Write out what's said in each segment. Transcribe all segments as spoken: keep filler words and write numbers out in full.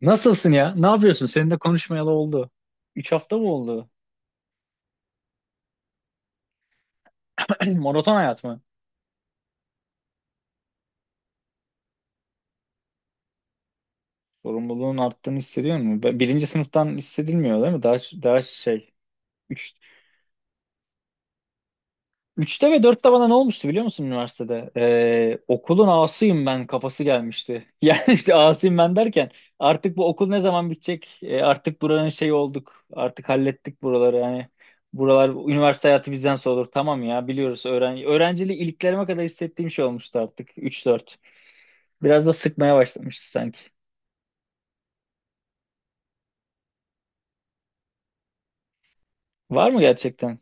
Nasılsın ya? Ne yapıyorsun? Seninle konuşmayalı oldu. Üç hafta mı oldu? Maraton hayat mı? Sorumluluğun arttığını hissediyor musun? Ben- Birinci sınıftan hissedilmiyor değil mi? Daha, daha şey. Üç, üçte ve dörtte bana ne olmuştu biliyor musun üniversitede? Ee, okulun ağasıyım ben kafası gelmişti. Yani işte ağasıyım ben derken artık bu okul ne zaman bitecek? Ee, artık buranın şeyi olduk. Artık hallettik buraları. Yani buralar üniversite hayatı bizden sorulur. Tamam ya biliyoruz. Öğren öğrenciliği iliklerime kadar hissettiğim şey olmuştu artık. Üç dört. Biraz da sıkmaya başlamıştı sanki. Var mı gerçekten?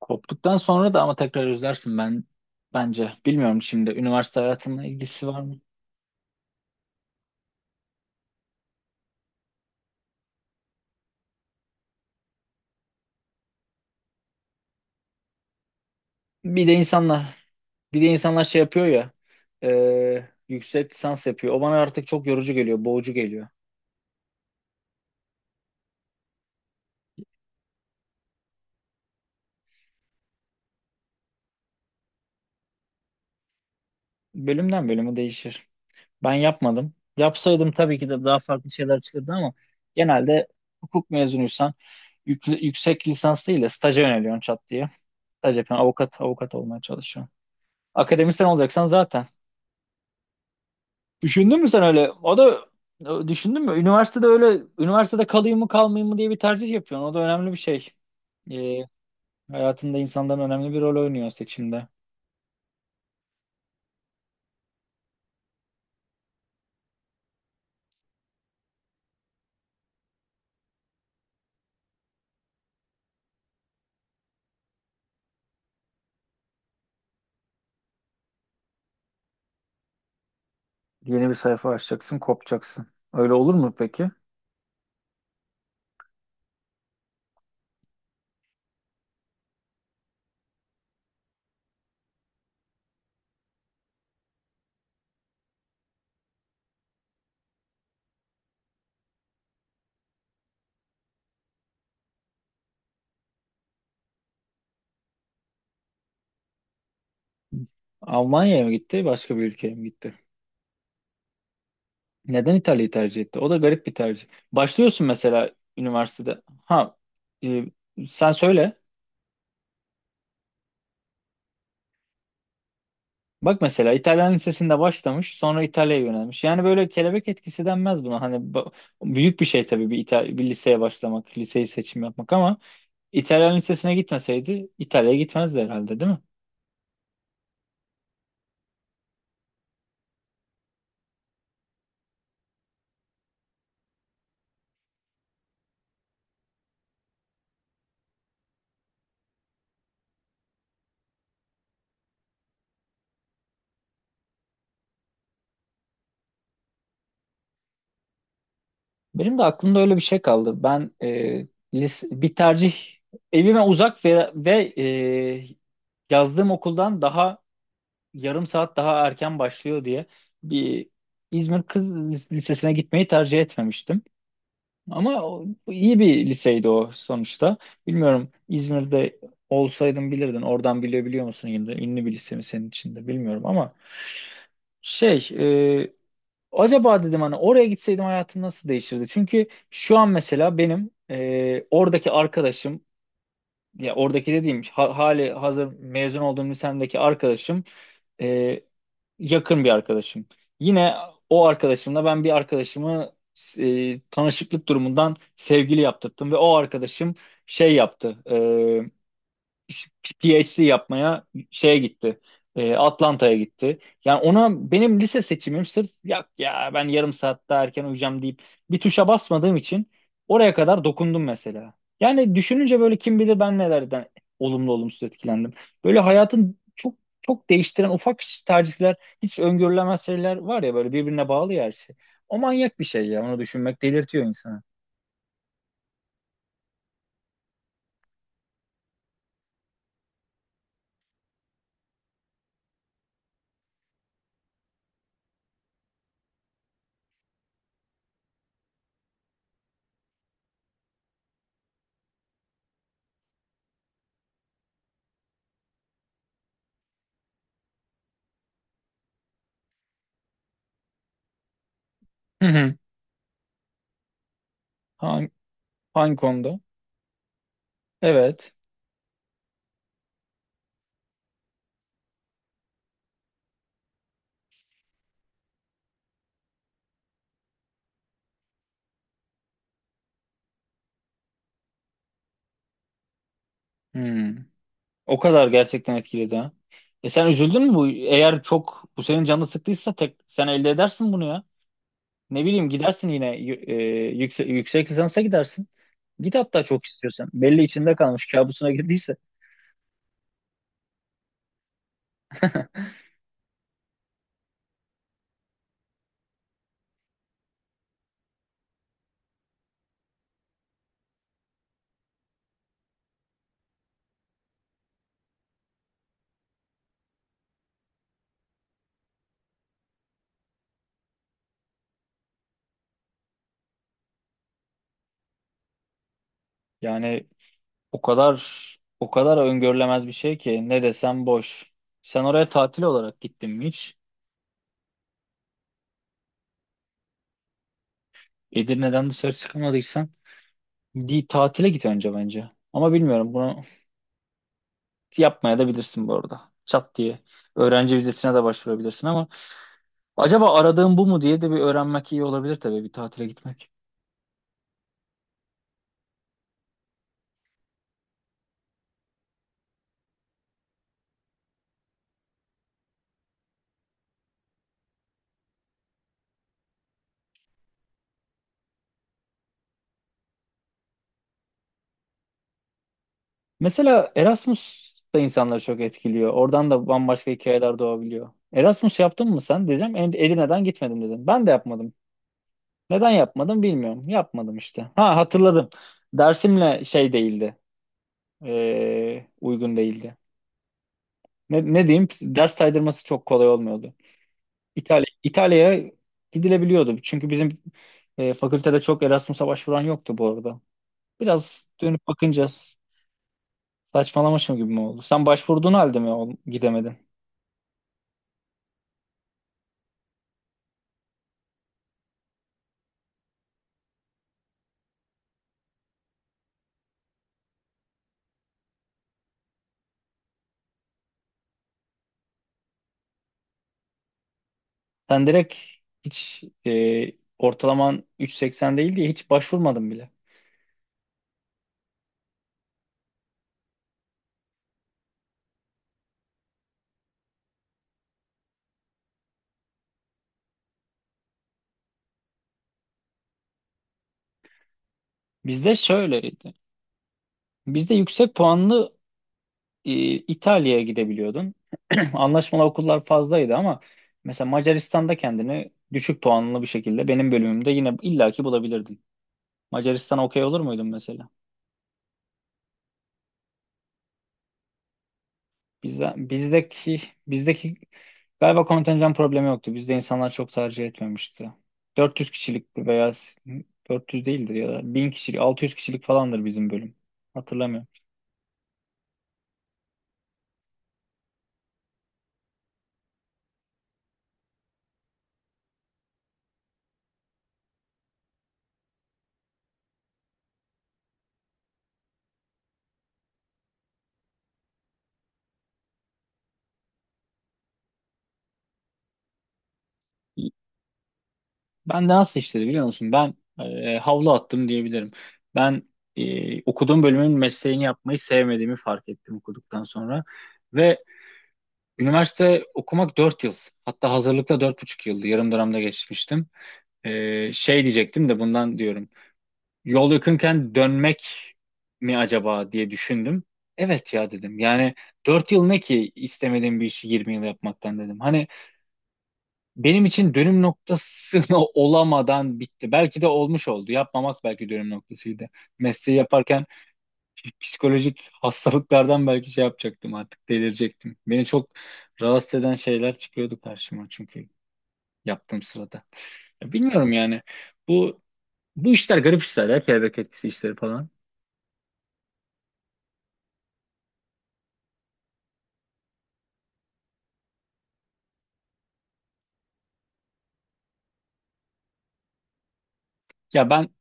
Koptuktan sonra da ama tekrar özlersin ben bence. Bilmiyorum, şimdi üniversite hayatına ilgisi var mı? Bir de insanlar bir de insanlar şey yapıyor ya, e, yüksek lisans yapıyor. O bana artık çok yorucu geliyor, boğucu geliyor. Bölümden bölümü değişir. Ben yapmadım. Yapsaydım tabii ki de daha farklı şeyler çıkırdı ama genelde hukuk mezunuysan yük- yüksek lisans değil de staja yöneliyorsun çat diye. Staj yapıyorsun, avukat avukat olmaya çalışıyorsun. Akademisyen olacaksan zaten. Düşündün mü sen öyle? O da o- düşündün mü? Üniversitede öyle üniversitede kalayım mı kalmayayım mı diye bir tercih yapıyorsun. O da önemli bir şey. Ee, Hayatında insanların önemli bir rol oynuyor seçimde. Yeni bir sayfa açacaksın, kopacaksın. Öyle olur mu peki? Almanya'ya mı gitti, başka bir ülkeye mi gitti? Neden İtalya'yı tercih etti? O da garip bir tercih. Başlıyorsun mesela üniversitede. Ha, e, Sen söyle. Bak mesela İtalyan lisesinde başlamış, sonra İtalya'ya yönelmiş. Yani böyle kelebek etkisi denmez buna. Hani ba- büyük bir şey tabii, bir, İta- bir liseye başlamak, liseyi seçim yapmak ama İtalyan lisesine gitmeseydi İtalya'ya gitmezdi herhalde, değil mi? Benim de aklımda öyle bir şey kaldı. Ben e, lise, bir tercih evime uzak ve, ve e, yazdığım okuldan daha yarım saat daha erken başlıyor diye bir İzmir Kız Lisesi'ne gitmeyi tercih etmemiştim. Ama o- iyi bir liseydi o sonuçta. Bilmiyorum, İzmir'de olsaydın bilirdin. Oradan bilebiliyor musun yine de ünlü bir lise mi senin için de bilmiyorum ama şey e, acaba dedim hani oraya gitseydim hayatım nasıl değişirdi? Çünkü şu an mesela benim e, oradaki arkadaşım, ya oradaki dediğim ha- hali hazır mezun olduğum lisemdeki arkadaşım e, yakın bir arkadaşım. Yine o arkadaşımla ben bir arkadaşımı e, tanışıklık durumundan sevgili yaptırdım ve o arkadaşım şey yaptı. e, P H D yapmaya şeye gitti. e, Atlanta'ya gitti. Yani ona benim lise seçimim sırf ya ya ben yarım saat daha erken uyuyacağım deyip bir tuşa basmadığım için oraya kadar dokundum mesela. Yani düşününce böyle kim bilir ben nelerden olumlu olumsuz etkilendim. Böyle hayatın çok çok değiştiren ufak tercihler, hiç öngörülemez şeyler var ya böyle birbirine bağlı ya her şey. O manyak bir şey ya onu düşünmek delirtiyor insanı. Hı hı. Hangi, hangi konuda? Evet. Hmm. O kadar gerçekten etkiledi ha. E sen üzüldün mü bu? Eğer çok bu senin canını sıktıysa tek sen elde edersin bunu ya. Ne bileyim gidersin yine y- e, yüksek, yüksek lisansa gidersin. Git hatta çok istiyorsan. Belli içinde kalmış kabusuna girdiyse. Yani o kadar o kadar öngörülemez bir şey ki ne desem boş. Sen oraya tatil olarak gittin mi hiç? Edirne'den dışarı çıkamadıysan bir tatile git önce bence. Ama bilmiyorum bunu yapmaya da bilirsin bu arada. Çat diye. Öğrenci vizesine de başvurabilirsin ama acaba aradığım bu mu diye de bir öğrenmek iyi olabilir, tabii bir tatile gitmek. Mesela Erasmus da insanları çok etkiliyor. Oradan da bambaşka hikayeler doğabiliyor. Erasmus yaptın mı sen? Dedim, "Ed- Edirne'den gitmedim," dedim. Ben de yapmadım. Neden yapmadım bilmiyorum. Yapmadım işte. Ha, hatırladım. Dersimle şey değildi. Ee, uygun değildi. Ne, ne diyeyim? Ders saydırması çok kolay olmuyordu. İtalya, İtalya'ya gidilebiliyordu. Çünkü bizim e, fakültede çok Erasmus'a başvuran yoktu bu arada. Biraz dönüp bakınca saçmalamışım gibi mi oldu? Sen başvurduğun halde mi ol- gidemedin? Sen direkt hiç e, ortalaman üç virgül seksen değil diye hiç başvurmadın bile. Bizde şöyleydi. Bizde yüksek puanlı e, İtalya'ya gidebiliyordun. Anlaşmalı okullar fazlaydı ama mesela Macaristan'da kendini düşük puanlı bir şekilde benim bölümümde yine illaki bulabilirdin. Macaristan'a okey olur muydun mesela? Bize, bizdeki bizdeki galiba kontenjan problemi yoktu. Bizde insanlar çok tercih etmemişti. dört yüz kişilikti veya s- dört yüz değildir ya da bin kişilik altı yüz kişilik falandır bizim bölüm. Hatırlamıyorum. Ben de nasıl işledi biliyor musun? Ben e, havlu attım diyebilirim. Ben e, okuduğum bölümün mesleğini yapmayı sevmediğimi fark ettim okuduktan sonra. Ve üniversite okumak dört yıl. Hatta hazırlıkta dört buçuk yıldı. Yarım dönemde geçmiştim. E, şey diyecektim de bundan diyorum. Yol yakınken dönmek mi acaba diye düşündüm. Evet ya dedim. Yani dört yıl ne ki istemediğim bir işi yirmi yıl yapmaktan dedim. Hani benim için dönüm noktasına olamadan bitti. Belki de olmuş oldu. Yapmamak belki dönüm noktasıydı. Mesleği yaparken psikolojik hastalıklardan belki şey yapacaktım artık delirecektim. Beni çok rahatsız eden şeyler çıkıyordu karşıma çünkü yaptığım sırada. Ya bilmiyorum yani bu bu işler garip işler ya kelebek etkisi işleri falan. Ya ben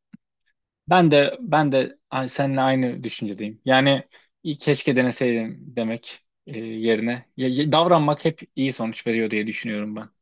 Ben de ben de ay- seninle aynı düşüncedeyim. Yani iyi keşke deneseydim demek e, yerine ya- ya- davranmak hep iyi sonuç veriyor diye düşünüyorum ben.